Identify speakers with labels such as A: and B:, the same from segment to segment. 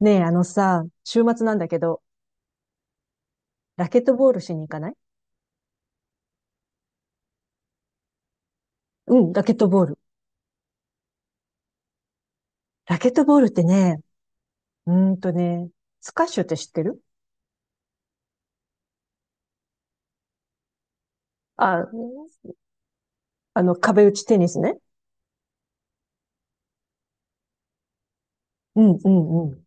A: ねえ、あのさ、週末なんだけど、ラケットボールしに行かない？うん、ラケットボール。ラケットボールってね、うーんとね、スカッシュって知ってる？あ、あの、壁打ちテニスね。うん、うん、うん。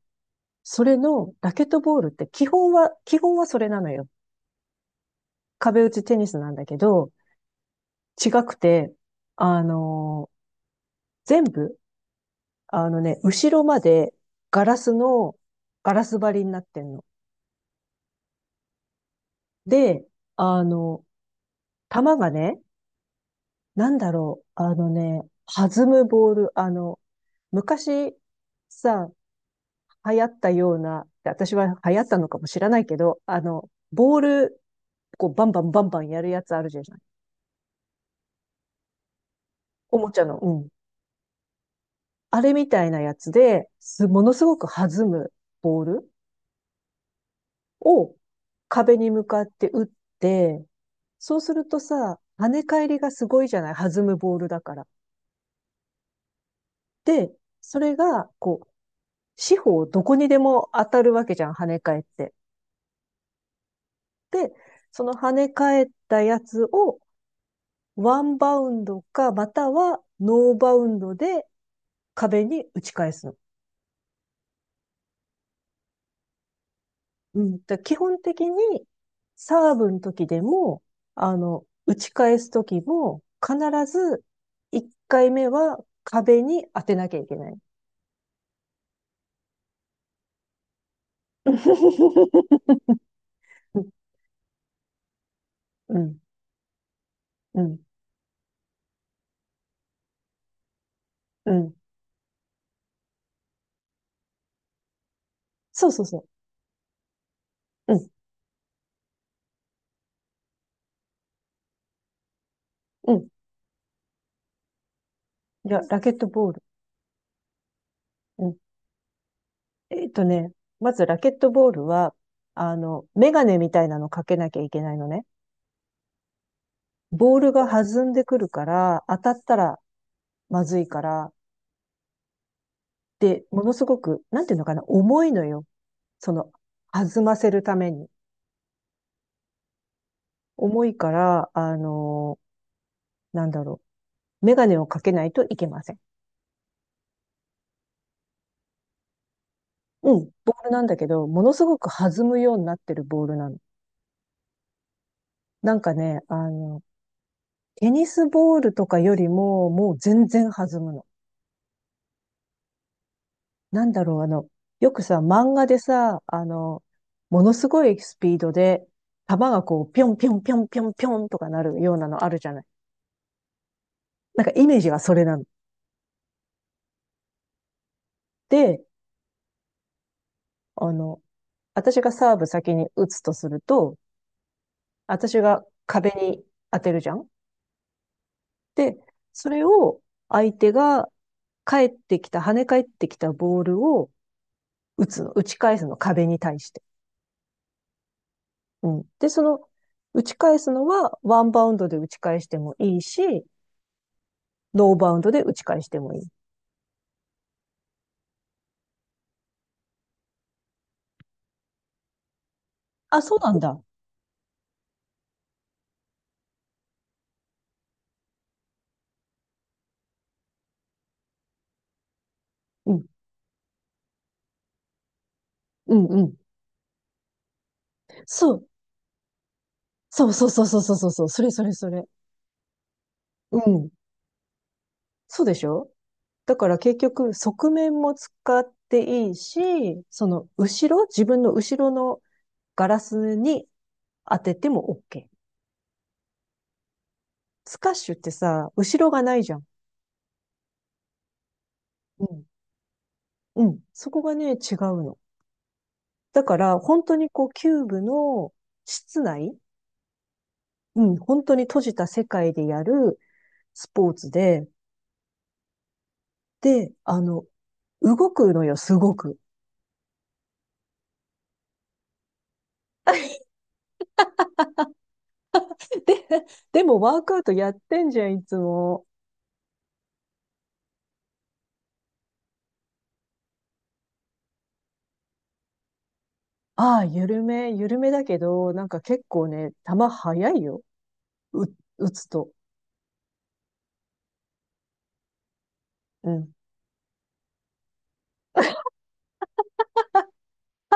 A: それの、ラケットボールって基本はそれなのよ。壁打ちテニスなんだけど、違くて、あのー全部、あのね、後ろまでガラスの、ガラス張りになってんの。で、あの、球がね、なんだろう。あのね、弾むボール。あの、昔さ、流行ったような、私は流行ったのかもしれないけど、あの、ボール、こう、バンバンバンバンやるやつあるじゃない。おもちゃの。うん。あれみたいなやつで、ものすごく弾むボールを壁に向かって打って、そうするとさ、跳ね返りがすごいじゃない、弾むボールだから。で、それが、こう、四方どこにでも当たるわけじゃん、跳ね返って。その跳ね返ったやつをワンバウンドか、またはノーバウンドで壁に打ち返すの。うん。だ、基本的にサーブの時でも、あの、打ち返す時も、必ず1回目は壁に当てなきゃいけない。うん、うん、うん。そうそうそう。うん、うん。じゃあ、ラケットボール。うん。えっとね、まずラケットボールは、あの、メガネみたいなのかけなきゃいけないのね。ボールが弾んでくるから、当たったらまずいから、で、ものすごく、なんていうのかな、重いのよ。その、弾ませるために。重いから、あの、なんだろう、メガネをかけないといけません。うん、ボールなんだけど、ものすごく弾むようになってるボールなの。なんかね、あの、テニスボールとかよりも、もう全然弾むの。なんだろう、あの、よくさ、漫画でさ、あの、ものすごいスピードで、弾がこう、ぴょんぴょんぴょんぴょんぴょんとかなるようなのあるじゃない。なんかイメージがそれなの。で、あの、私がサーブ先に打つとすると、私が壁に当てるじゃん。で、それを相手が返ってきた、跳ね返ってきたボールを打つの、打ち返すの、壁に対して。うん。で、その、打ち返すのはワンバウンドで打ち返してもいいし、ノーバウンドで打ち返してもいい。あ、そうなんだ。うんうん。うん、そう。そうそうそうそうそうそうそう。それそれそれ。うん。そうでしょ？だから結局、側面も使っていいし、その後ろ、自分の後ろのガラスに当てても OK。スカッシュってさ、後ろがないじゃん。うん。うん。そこがね、違うの。だから、本当にこう、キューブの室内、うん、本当に閉じた世界でやるスポーツで、で、あの、動くのよ、すごく。で、でもワークアウトやってんじゃん、いつも。ああ、緩めだけど、なんか結構ね、球速いよ。う、打つと。うん。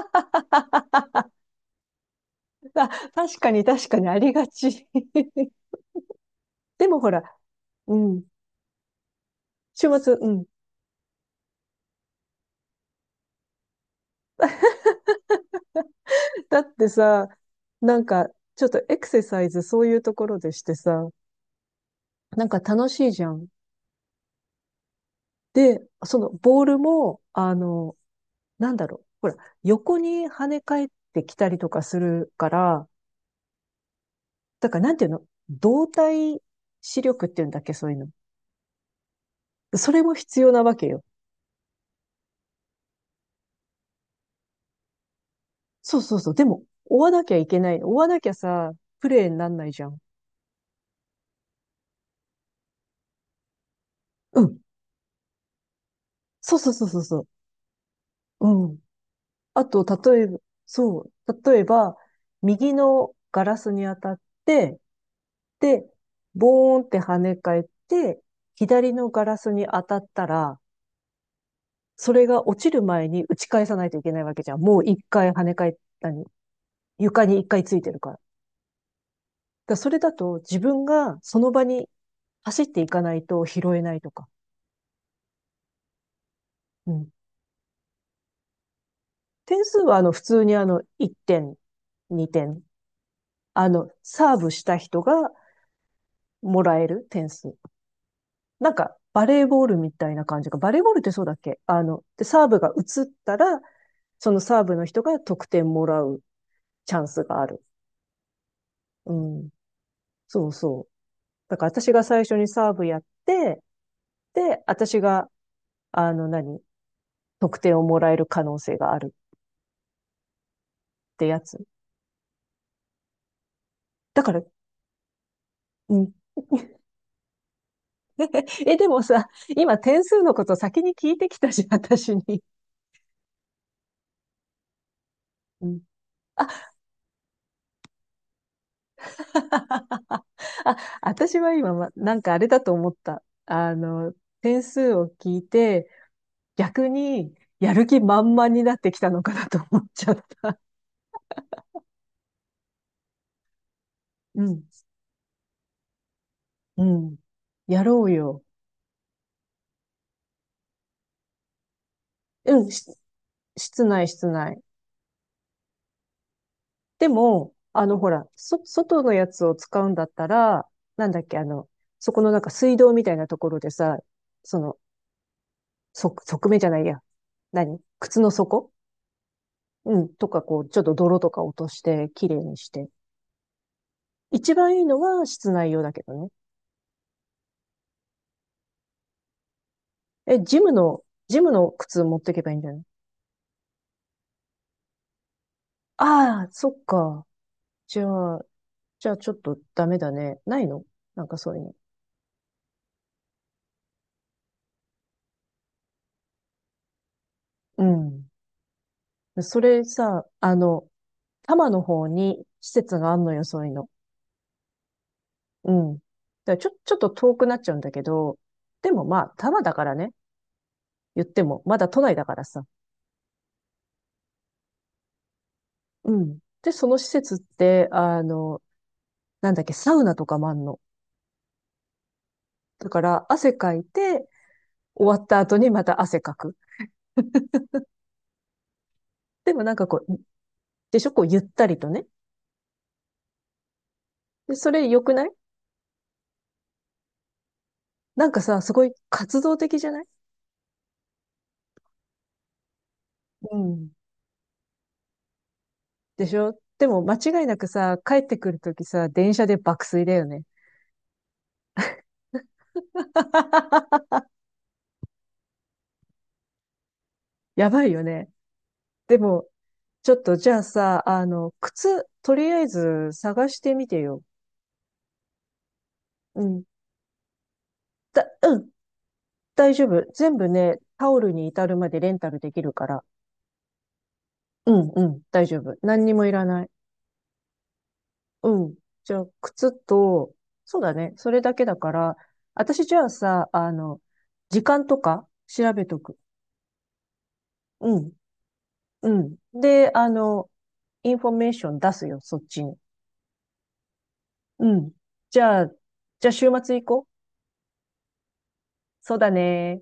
A: あ、確かにありがち。でもほら、うん。週末、うん。だってさ、なんか、ちょっとエクササイズそういうところでしてさ、なんか楽しいじゃん。で、そのボールも、あの、なんだろう。ほら、横に跳ね返ってきたりとかするから、だからなんていうの、動体視力っていうんだっけ、そういうの。それも必要なわけよ。そうそうそう。でも、追わなきゃいけない。追わなきゃさ、プレイになんないじゃん。うん。そうそうそうそうそう。うん。あと、例えば、そう。例えば、右のガラスに当たって、で、ボーンって跳ね返って、左のガラスに当たったら、それが落ちる前に打ち返さないといけないわけじゃん。もう一回跳ね返ったり床に一回ついてるから。だからそれだと自分がその場に走っていかないと拾えないとか。うん。点数はあの普通にあの1点、2点。あの、サーブした人がもらえる点数。なんかバレーボールみたいな感じか。バレーボールってそうだっけ、あの、で、サーブが移ったら、そのサーブの人が得点もらうチャンスがある。うん。そうそう。だから私が最初にサーブやって、で、私が、あの何、得点をもらえる可能性があるってやつ。だから、うん。え、でもさ、今点数のこと先に聞いてきたし、私に。うん。あ、あ、私は今、ま、なんかあれだと思った。あの、点数を聞いて、逆にやる気満々になってきたのかなと思っちゃった。うん。うん。やろうよ。うん。し、室内、室内。でも、あの、ほら、そ、外のやつを使うんだったら、なんだっけ、あの、そこのなんか水道みたいなところでさ、その、側面じゃないや。何、靴の底、うん。とか、こう、ちょっと泥とか落として、綺麗にして。一番いいのは室内用だけどね。え、ジムの靴持ってけばいいんじゃない？ああ、そっか。じゃあ、じゃあちょっとダメだね。ないの？なんかそういうの。うん。それさ、あの、多摩の方に施設があんのよ、そういうの。うん。だからちょっと遠くなっちゃうんだけど、でもまあ、多摩だからね、言っても、まだ都内だからさ。うん。で、その施設って、あの、なんだっけ、サウナとかもあんの。だから、汗かいて、終わった後にまた汗かく。でもなんかこう、でしょ、こう、ゆったりとね。で、それ良くない？なんかさ、すごい活動的じゃない？うん。でしょ？でも、間違いなくさ、帰ってくるときさ、電車で爆睡だよね。やばいよね。でも、ちょっとじゃあさ、あの、靴、とりあえず探してみてよ。うん。だ、うん、大丈夫。全部ね、タオルに至るまでレンタルできるから。うん、うん、大丈夫。何にもいらない。うん。じゃあ、靴と、そうだね、それだけだから、私じゃあさ、あの、時間とか調べとく。うん、うん。で、あの、インフォメーション出すよ、そっちに。うん。じゃあ、じゃあ週末行こう。そうだね。